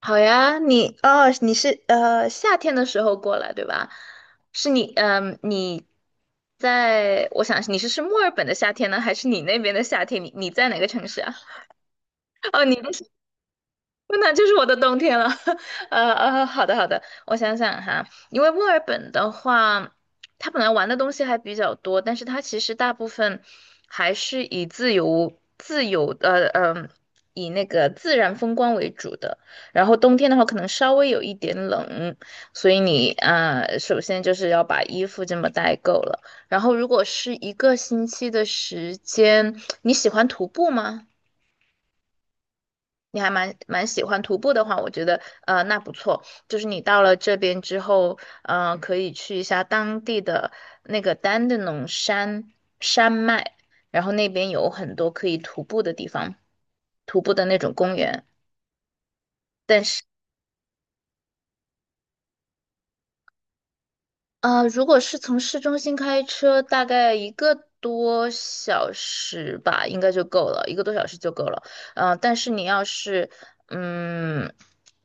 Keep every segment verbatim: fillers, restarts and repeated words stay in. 好呀，你哦，你是呃夏天的时候过来对吧？是你嗯、你在我想你是是墨尔本的夏天呢，还是你那边的夏天？你你在哪个城市啊？哦，你的。那就是我的冬天了。呃呃，好的好的，我想想哈。因为墨尔本的话，它本来玩的东西还比较多，但是它其实大部分还是以自由自由呃呃，以那个自然风光为主的。然后冬天的话，可能稍微有一点冷，所以你呃，首先就是要把衣服这么带够了。然后，如果是一个星期的时间，你喜欢徒步吗？你还蛮蛮喜欢徒步的话，我觉得呃那不错。就是你到了这边之后，呃，可以去一下当地的那个丹德农山山脉，然后那边有很多可以徒步的地方，徒步的那种公园。呃，如果是从市中心开车，大概一个多小时吧，应该就够了，一个多小时就够了。呃，但是你要是，嗯，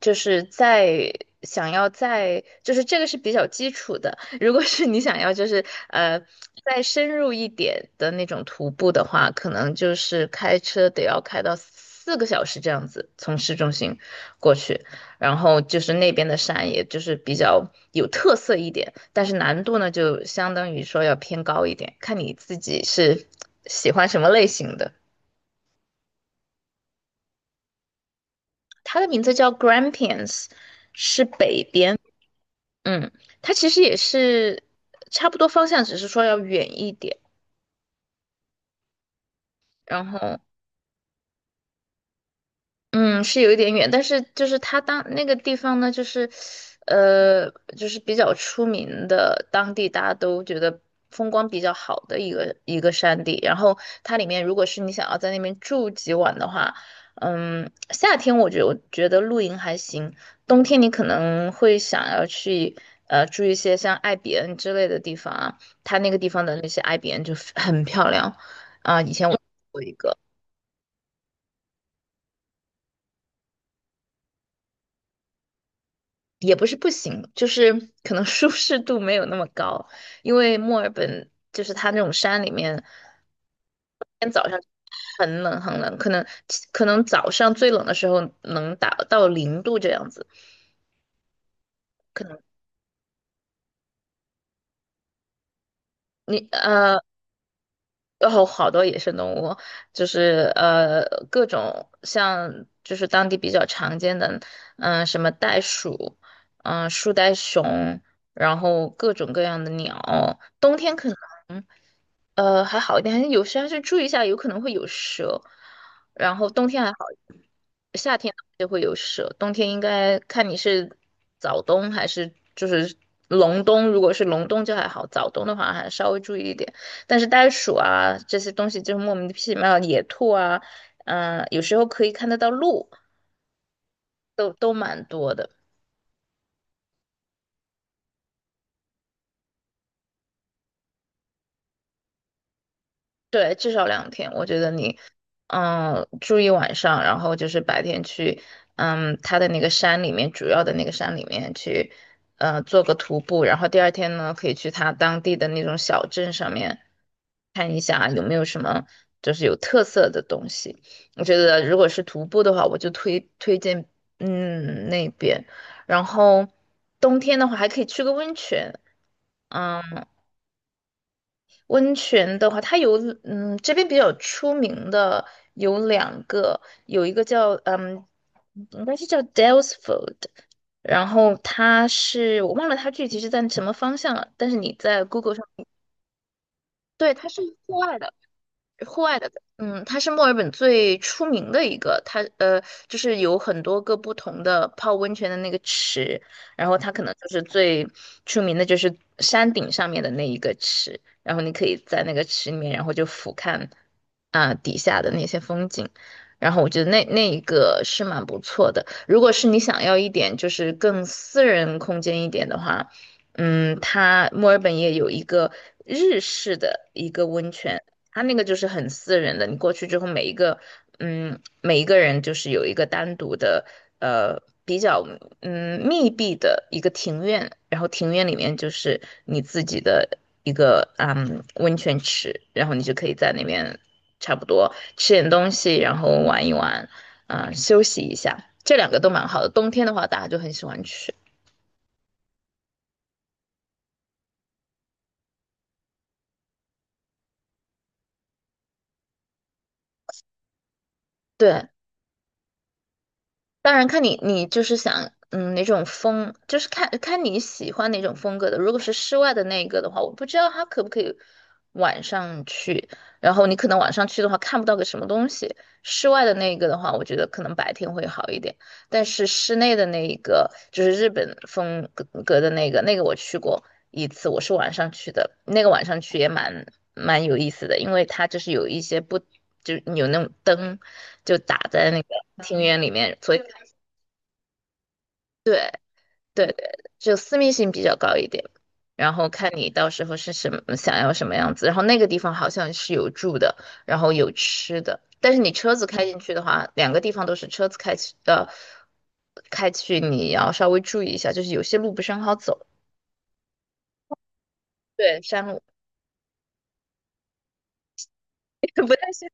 就是在想要在，就是这个是比较基础的。如果是你想要就是呃再深入一点的那种徒步的话，可能就是开车得要开到四个小时这样子，从市中心过去。然后就是那边的山，也就是比较有特色一点，但是难度呢，就相当于说要偏高一点，看你自己是喜欢什么类型的。它的名字叫 Grampians，是北边。嗯，它其实也是差不多方向，只是说要远一点。然后嗯，是有一点远，但是就是它当那个地方呢，就是，呃，就是比较出名的，当地大家都觉得风光比较好的一个一个山地。然后它里面，如果是你想要在那边住几晚的话，嗯，夏天我觉我觉得露营还行，冬天你可能会想要去呃住一些像艾比恩之类的地方啊，它那个地方的那些艾比恩就很漂亮啊，以前我住过一个。也不是不行，就是可能舒适度没有那么高，因为墨尔本就是它那种山里面，天早上很冷很冷，可能可能早上最冷的时候能达到零度这样子。可能你呃有好多野生动物，就是呃各种像就是当地比较常见的，嗯、什么袋鼠，嗯、树袋熊，然后各种各样的鸟，冬天可能。呃，还好一点，还是有时还是注意一下，有可能会有蛇。然后冬天还好，夏天就会有蛇。冬天应该看你是早冬还是就是隆冬，如果是隆冬就还好，早冬的话还稍微注意一点。但是袋鼠啊这些东西就是莫名其妙，野兔啊，嗯、有时候可以看得到鹿，都都蛮多的。对，至少两天，我觉得你，嗯，住一晚上，然后就是白天去，嗯，它的那个山里面，主要的那个山里面去，呃，做个徒步，然后第二天呢，可以去它当地的那种小镇上面看一下有没有什么就是有特色的东西。我觉得如果是徒步的话，我就推推荐，嗯，那边，然后冬天的话还可以去个温泉。嗯。温泉的话，它有嗯，这边比较出名的有两个，有一个叫嗯，应该是叫 Dalesford，然后它是我忘了它具体是在什么方向了，但是你在 Google 上。对，它是户外的。户外的，嗯，它是墨尔本最出名的一个，它呃，就是有很多个不同的泡温泉的那个池，然后它可能就是最出名的就是山顶上面的那一个池，然后你可以在那个池里面，然后就俯瞰啊、底下的那些风景，然后我觉得那那一个是蛮不错的。如果是你想要一点就是更私人空间一点的话，嗯，它墨尔本也有一个日式的一个温泉。他那个就是很私人的，你过去之后，每一个，嗯，每一个人就是有一个单独的，呃，比较嗯密闭的一个庭院，然后庭院里面就是你自己的一个嗯温泉池，然后你就可以在那边差不多吃点东西，然后玩一玩，嗯、休息一下，这两个都蛮好的。冬天的话，大家就很喜欢去。对，当然看你你就是想嗯哪种风，就是看看你喜欢哪种风格的。如果是室外的那个的话，我不知道它可不可以晚上去，然后你可能晚上去的话看不到个什么东西。室外的那个的话，我觉得可能白天会好一点，但是室内的那一个就是日本风格格的那个，那个我去过一次，我是晚上去的，那个晚上去也蛮蛮有意思的，因为它就是有一些不。就是有那种灯，就打在那个庭院里面，所以对对，就私密性比较高一点，然后看你到时候是什么想要什么样子。然后那个地方好像是有住的，然后有吃的，但是你车子开进去的话，两个地方都是车子开去呃开去，你要稍微注意一下，就是有些路不是很好走。对，山路 不太行，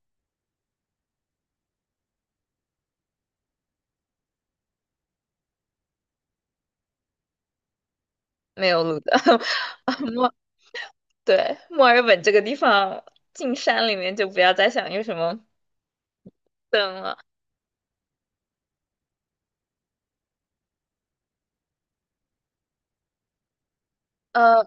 没有路的。啊，墨对，墨尔本这个地方进山里面就不要再想有什么灯了。呃。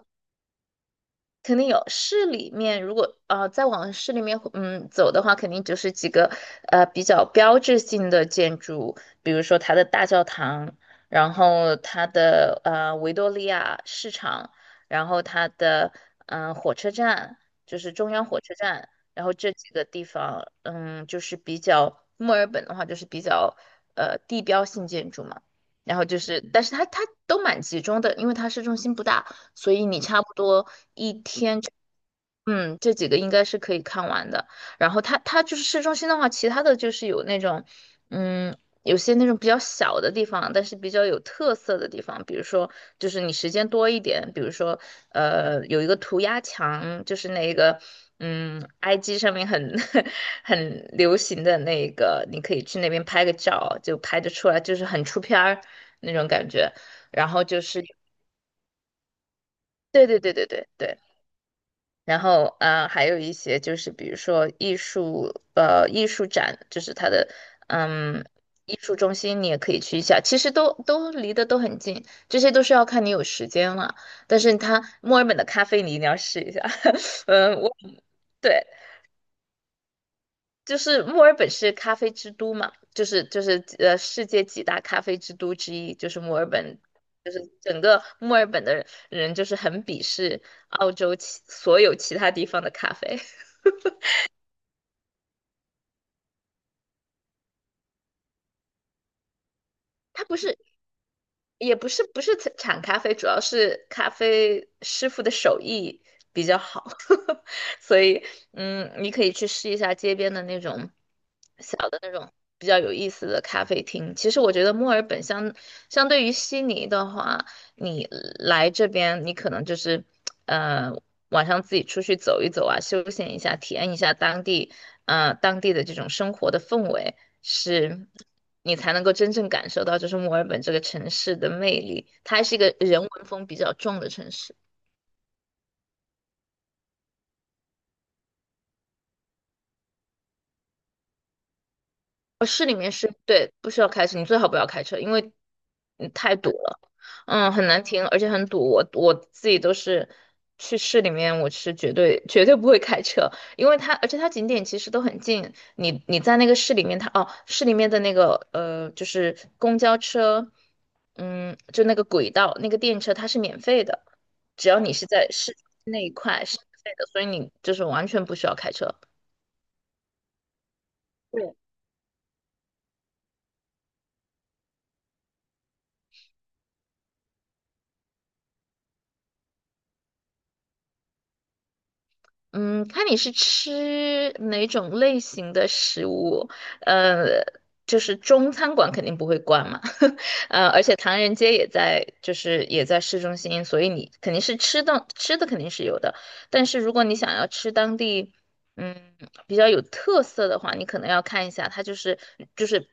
肯定有市里面，如果呃再往市里面嗯走的话，肯定就是几个呃比较标志性的建筑，比如说它的大教堂，然后它的呃维多利亚市场，然后它的嗯、呃火车站，就是中央火车站，然后这几个地方，嗯，就是比较墨尔本的话，就是比较呃地标性建筑嘛。然后就是，但是它它都蛮集中的，因为它市中心不大，所以你差不多。嗯，这几个应该是可以看完的。然后它它就是市中心的话，其他的就是有那种，嗯，有些那种比较小的地方，但是比较有特色的地方，比如说就是你时间多一点，比如说呃有一个涂鸦墙，就是那个嗯 I G 上面很 很流行的那个，你可以去那边拍个照，就拍得出来，就是很出片儿那种感觉。然后就是对对对对对对。然后啊呃还有一些就是比如说艺术，呃，艺术展，就是它的嗯艺术中心，你也可以去一下。其实都都离得都很近，这些都是要看你有时间了。但是它墨尔本的咖啡你一定要试一下。嗯，我对，就是墨尔本是咖啡之都嘛，就是就是呃世界几大咖啡之都之一，就是墨尔本。就是整个墨尔本的人，就是很鄙视澳洲其所有其他地方的咖啡。它不是，也不是，不是产咖啡，主要是咖啡师傅的手艺比较好，所以，嗯，你可以去试一下街边的那种小的那种比较有意思的咖啡厅。其实我觉得墨尔本相相对于悉尼的话，你来这边，你可能就是，呃，晚上自己出去走一走啊，休闲一下，体验一下当地，呃，当地的这种生活的氛围。是你才能够真正感受到，就是墨尔本这个城市的魅力。它还是一个人文风比较重的城市。呃市里面是对，不需要开车，你最好不要开车，因为嗯太堵了，嗯，很难停，而且很堵。我我自己都是去市里面，我是绝对绝对不会开车，因为它而且它景点其实都很近，你你在那个市里面它，哦，市里面的那个呃就是公交车，嗯，就那个轨道那个电车它是免费的，只要你是在市那一块是免费的，所以你就是完全不需要开车。嗯，看你是吃哪种类型的食物，呃，就是中餐馆肯定不会关嘛，呃，而且唐人街也在，就是也在市中心，所以你肯定是吃的吃的肯定是有的，但是如果你想要吃当地，嗯，比较有特色的话，你可能要看一下，它就是就是，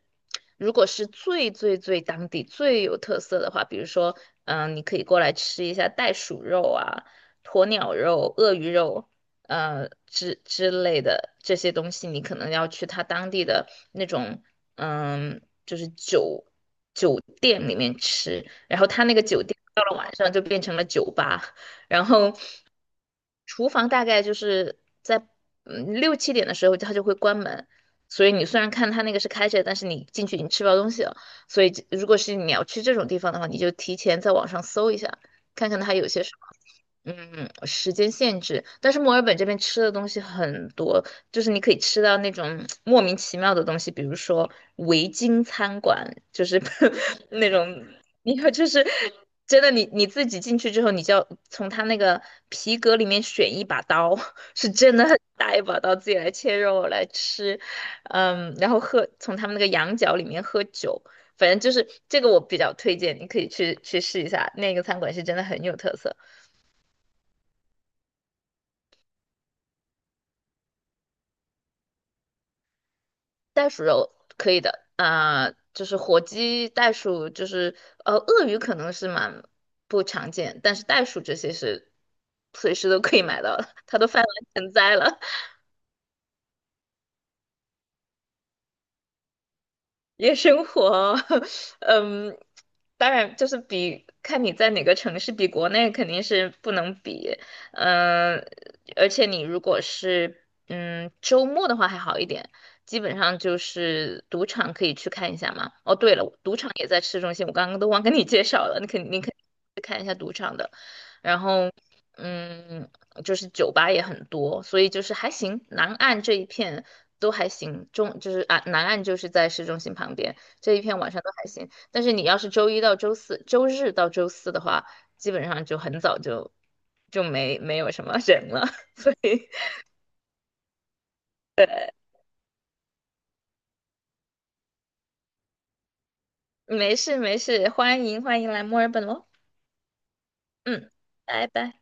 如果是最最最当地最有特色的话，比如说，嗯、你可以过来吃一下袋鼠肉啊、鸵鸟肉、鳄鱼肉。呃之之类的这些东西，你可能要去他当地的那种嗯，就是酒酒店里面吃，然后他那个酒店到了晚上就变成了酒吧，然后厨房大概就是在嗯六七点的时候他就会关门。所以你虽然看他那个是开着，但是你进去已经吃不到东西了。所以这如果是你要去这种地方的话，你就提前在网上搜一下，看看它有些什么。嗯，时间限制，但是墨尔本这边吃的东西很多，就是你可以吃到那种莫名其妙的东西，比如说维京餐馆，就是 那种，你看，就是真的你，你自己进去之后，你就要从他那个皮革里面选一把刀，是真的很大一把刀，自己来切肉来吃，嗯，然后喝，从他们那个羊角里面喝酒，反正就是这个我比较推荐，你可以去去试一下，那个餐馆是真的很有特色。袋鼠肉可以的啊、就是火鸡、袋鼠，就是呃，鳄鱼可能是蛮不常见，但是袋鼠这些是随时都可以买到的，它都泛滥成灾了。夜生活，嗯，当然就是比看你在哪个城市，比国内肯定是不能比，嗯，而且你如果是嗯周末的话还好一点，基本上就是赌场可以去看一下嘛。哦，对了，赌场也在市中心，我刚刚都忘跟你介绍了，你肯你肯然后嗯，就是酒吧也很多，所以就是还行。南岸这一片都还行，中就是啊，南岸就是在市中心旁边这一片晚上都还行。但是你要是周一到周四、周日到周四的话，基本上就很早就就没没有什么人了，所以没事没事，欢迎欢迎来墨尔本喽，嗯，拜拜。